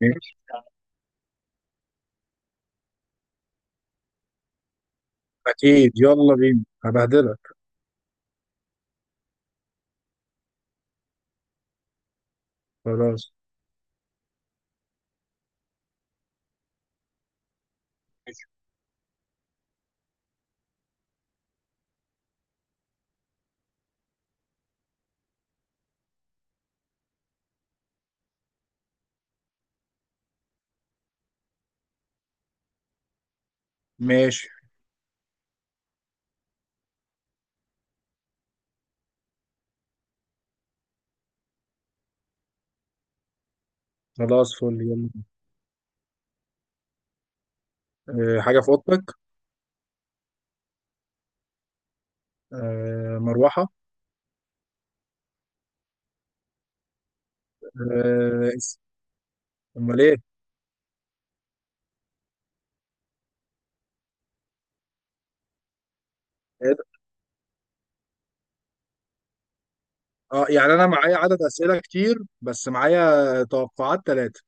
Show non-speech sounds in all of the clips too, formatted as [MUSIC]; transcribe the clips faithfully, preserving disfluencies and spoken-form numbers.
ماشي. أكيد، يلا بينا هبهدلك. خلاص ماشي. خلاص، فل يلا بينا. أه، حاجة في أوضتك. أه، مروحة. أه اس- أمال إيه؟ إيه ده؟ أه يعني أنا معايا عدد أسئلة كتير، بس معايا توقعات ثلاثة.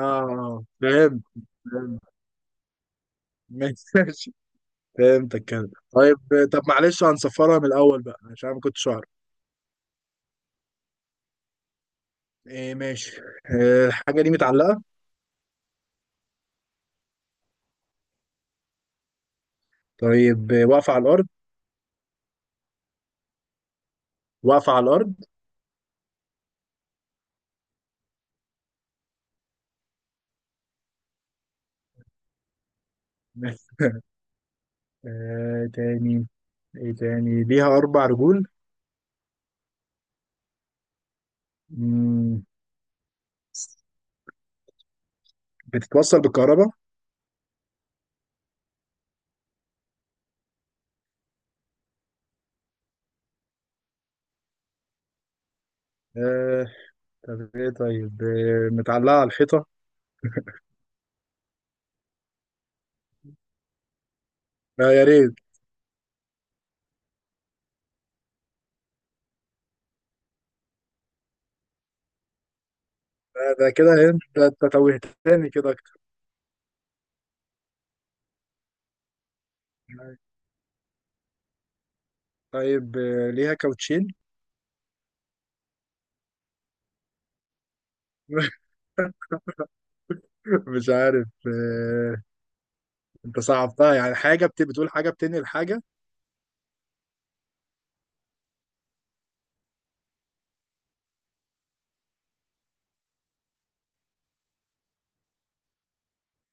آه، فهمت. فهمت. ماشي. [LAUGHS] فهمت الكلام. طيب طب، معلش هنصفرها من الأول بقى، عشان أنا ما كنتش أعرف. إيه ماشي. أه، الحاجة دي متعلقة. طيب آه، واقفة على الأرض. واقفة على الأرض. ماشي. أه، تاني. ايه تاني، ليها اربع رجول. مم. بتتوصل بالكهرباء. آه. طب ايه، طيب آه. متعلقة على الحيطة. لا، يا ريت. ده, ده كده. انت أنت توهتني كده اكتر. طيب آه. ليها كاوتشين. [LAUGHS] مش عارف. آه، انت صعبتها، يعني حاجه بت... بتقول حاجه بتنقل حاجه.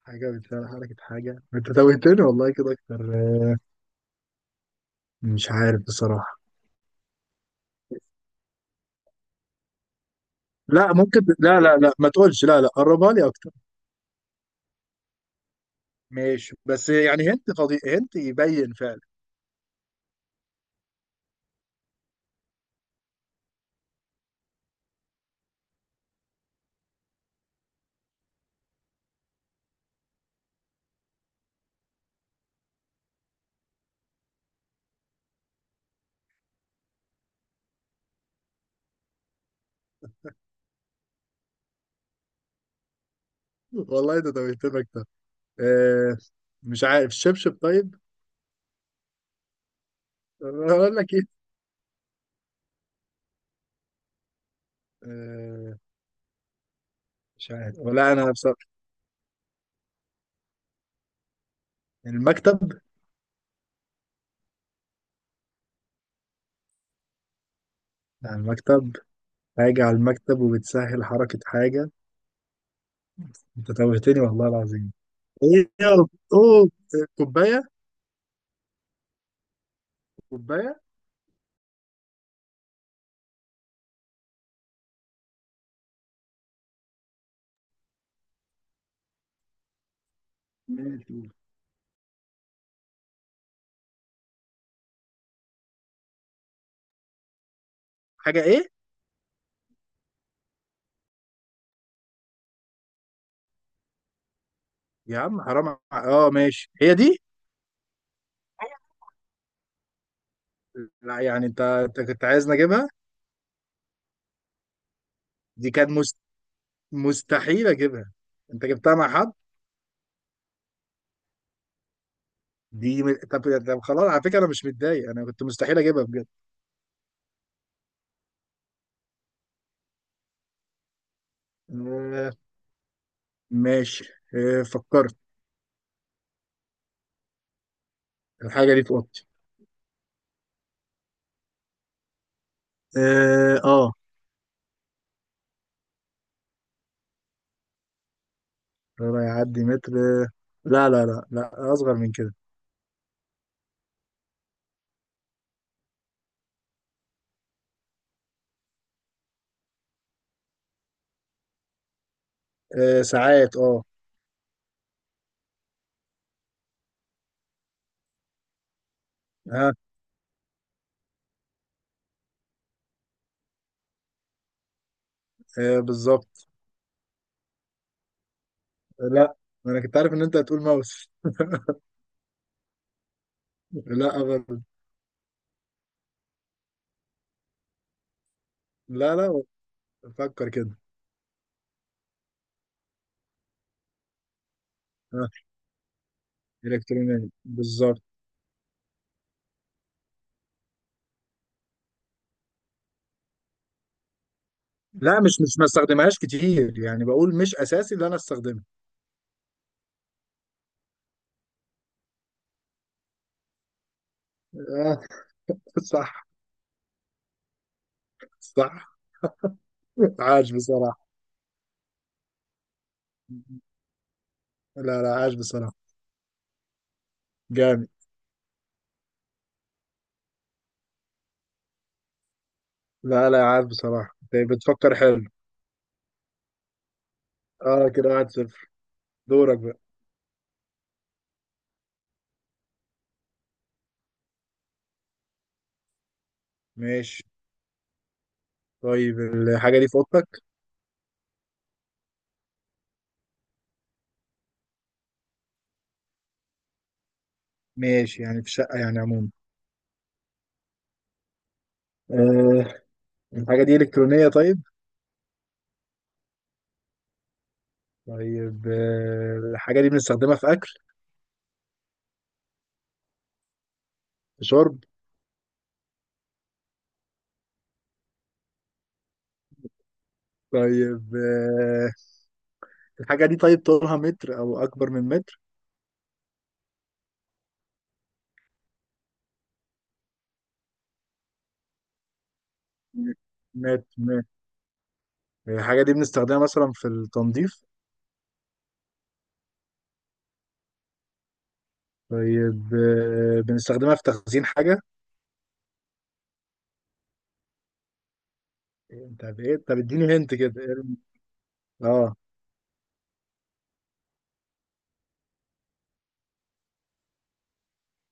حاجه بتسهل حركه حاجه، انت توهتني والله كده اكتر. آه، مش عارف بصراحه. لا ممكن، لا لا لا، ما تقولش لا لا، قربها لي اكتر. ماشي بس يعني هنت خضي... هنت، يبين فعلا. والله ده توهتمك ده. آه، مش عارف. الشبشب طيب. اقول لك ايه. آه، مش عارف ولا انا بصراحة. المكتب. على المكتب. حاجة على المكتب وبتسهل حركة حاجة، انت توهتني والله العظيم. ايه يا رب، اوه. كوباية كوباية. ماشي. حاجة ايه. يا عم حرام ع- اه ماشي، هي دي. لا يعني، انت انت كنت عايزني اجيبها. دي كانت مست... مستحيل اجيبها. انت جبتها مع حد. دي م... طب طب خلاص، على فكره انا مش متضايق، انا كنت مستحيل اجيبها بجد. آه ماشي. آه فكرت. الحاجه دي في اوضتي. اه آه. لا يعدي متر. آه، لا لا لا لا، اصغر من كده. آه، ساعات اه. ها، آه بالظبط. لا. انا كنت عارف ان انت هتقول ماوس. [LAUGHS] لا أبدا. لا لا، فكر كده. ها، الكترونيه بالظبط. لا، مش مش ما استخدمهاش كتير يعني، بقول مش اساسي ان انا استخدمها. آه. [LAUGHS] صح. صح. عاش بصراحه. لا لا، عاش بصراحة. جامد. لا لا، عاش بصراحة، انت بتفكر حلو. اه، كده واحد صفر. دورك بقى. ماشي. طيب الحاجة دي في اوضتك. ماشي يعني، في شقة يعني عموما. آه. الحاجة دي إلكترونية طيب. طيب آه، الحاجة دي بنستخدمها في أكل. في شرب. طيب آه، الحاجة دي طيب، طولها متر أو أكبر من متر. متر متر. الحاجة دي بنستخدمها مثلا في التنظيف. طيب آه، بنستخدمها في تخزين حاجة. انت بايه، طب اديني هنت كده. اه.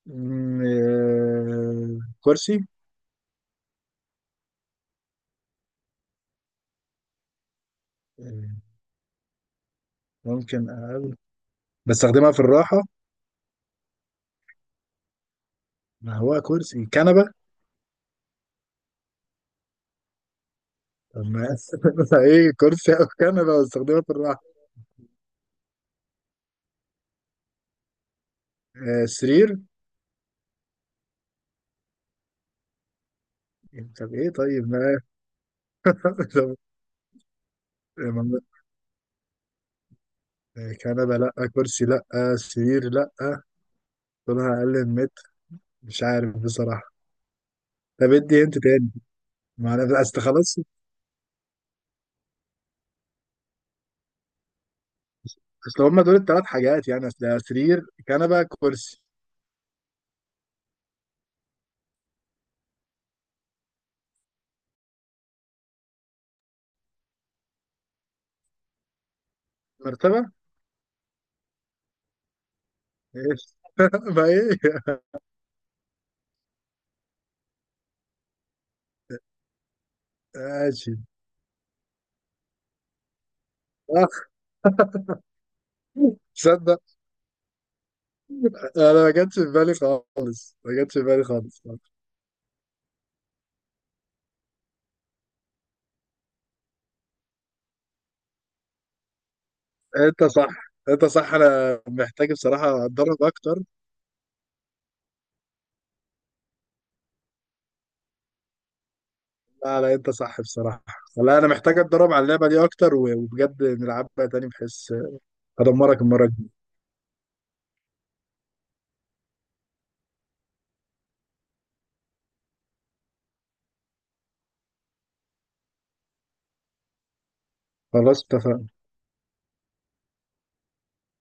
مم، آه، كرسي. آه، ممكن أقابل. بستخدمها في الراحة. ما هو كرسي، كنبة. طب ما [LAUGHS] ايه، كرسي او كنبة بستخدمها في الراحة. آه، سرير. طب ايه، طيب ما. [LAUGHS] طب ما- آه، كنبة لا، كرسي لا، سرير لا. طولها اقل من متر. مش عارف بصراحة. طب ادي انت تاني. ما انا اصل خلاص. اصل هما دول الثلاث حاجات يعني، اصل سرير، كنبة، كرسي. مرتبة. ايه. [LAUGHS] ما ايه. ماشي. تصدق، انا ما جاتش في بالي خالص، ما جاتش في بالي خالص. انت صح، انت صح، انا محتاج بصراحه اتدرب اكتر. لا لا، انت صح بصراحه. لا، انا محتاج اتدرب على اللعبه دي اكتر، و- وبجد نلعبها تاني، بحيث ادمرك المره الجايه. خلاص اتفقنا.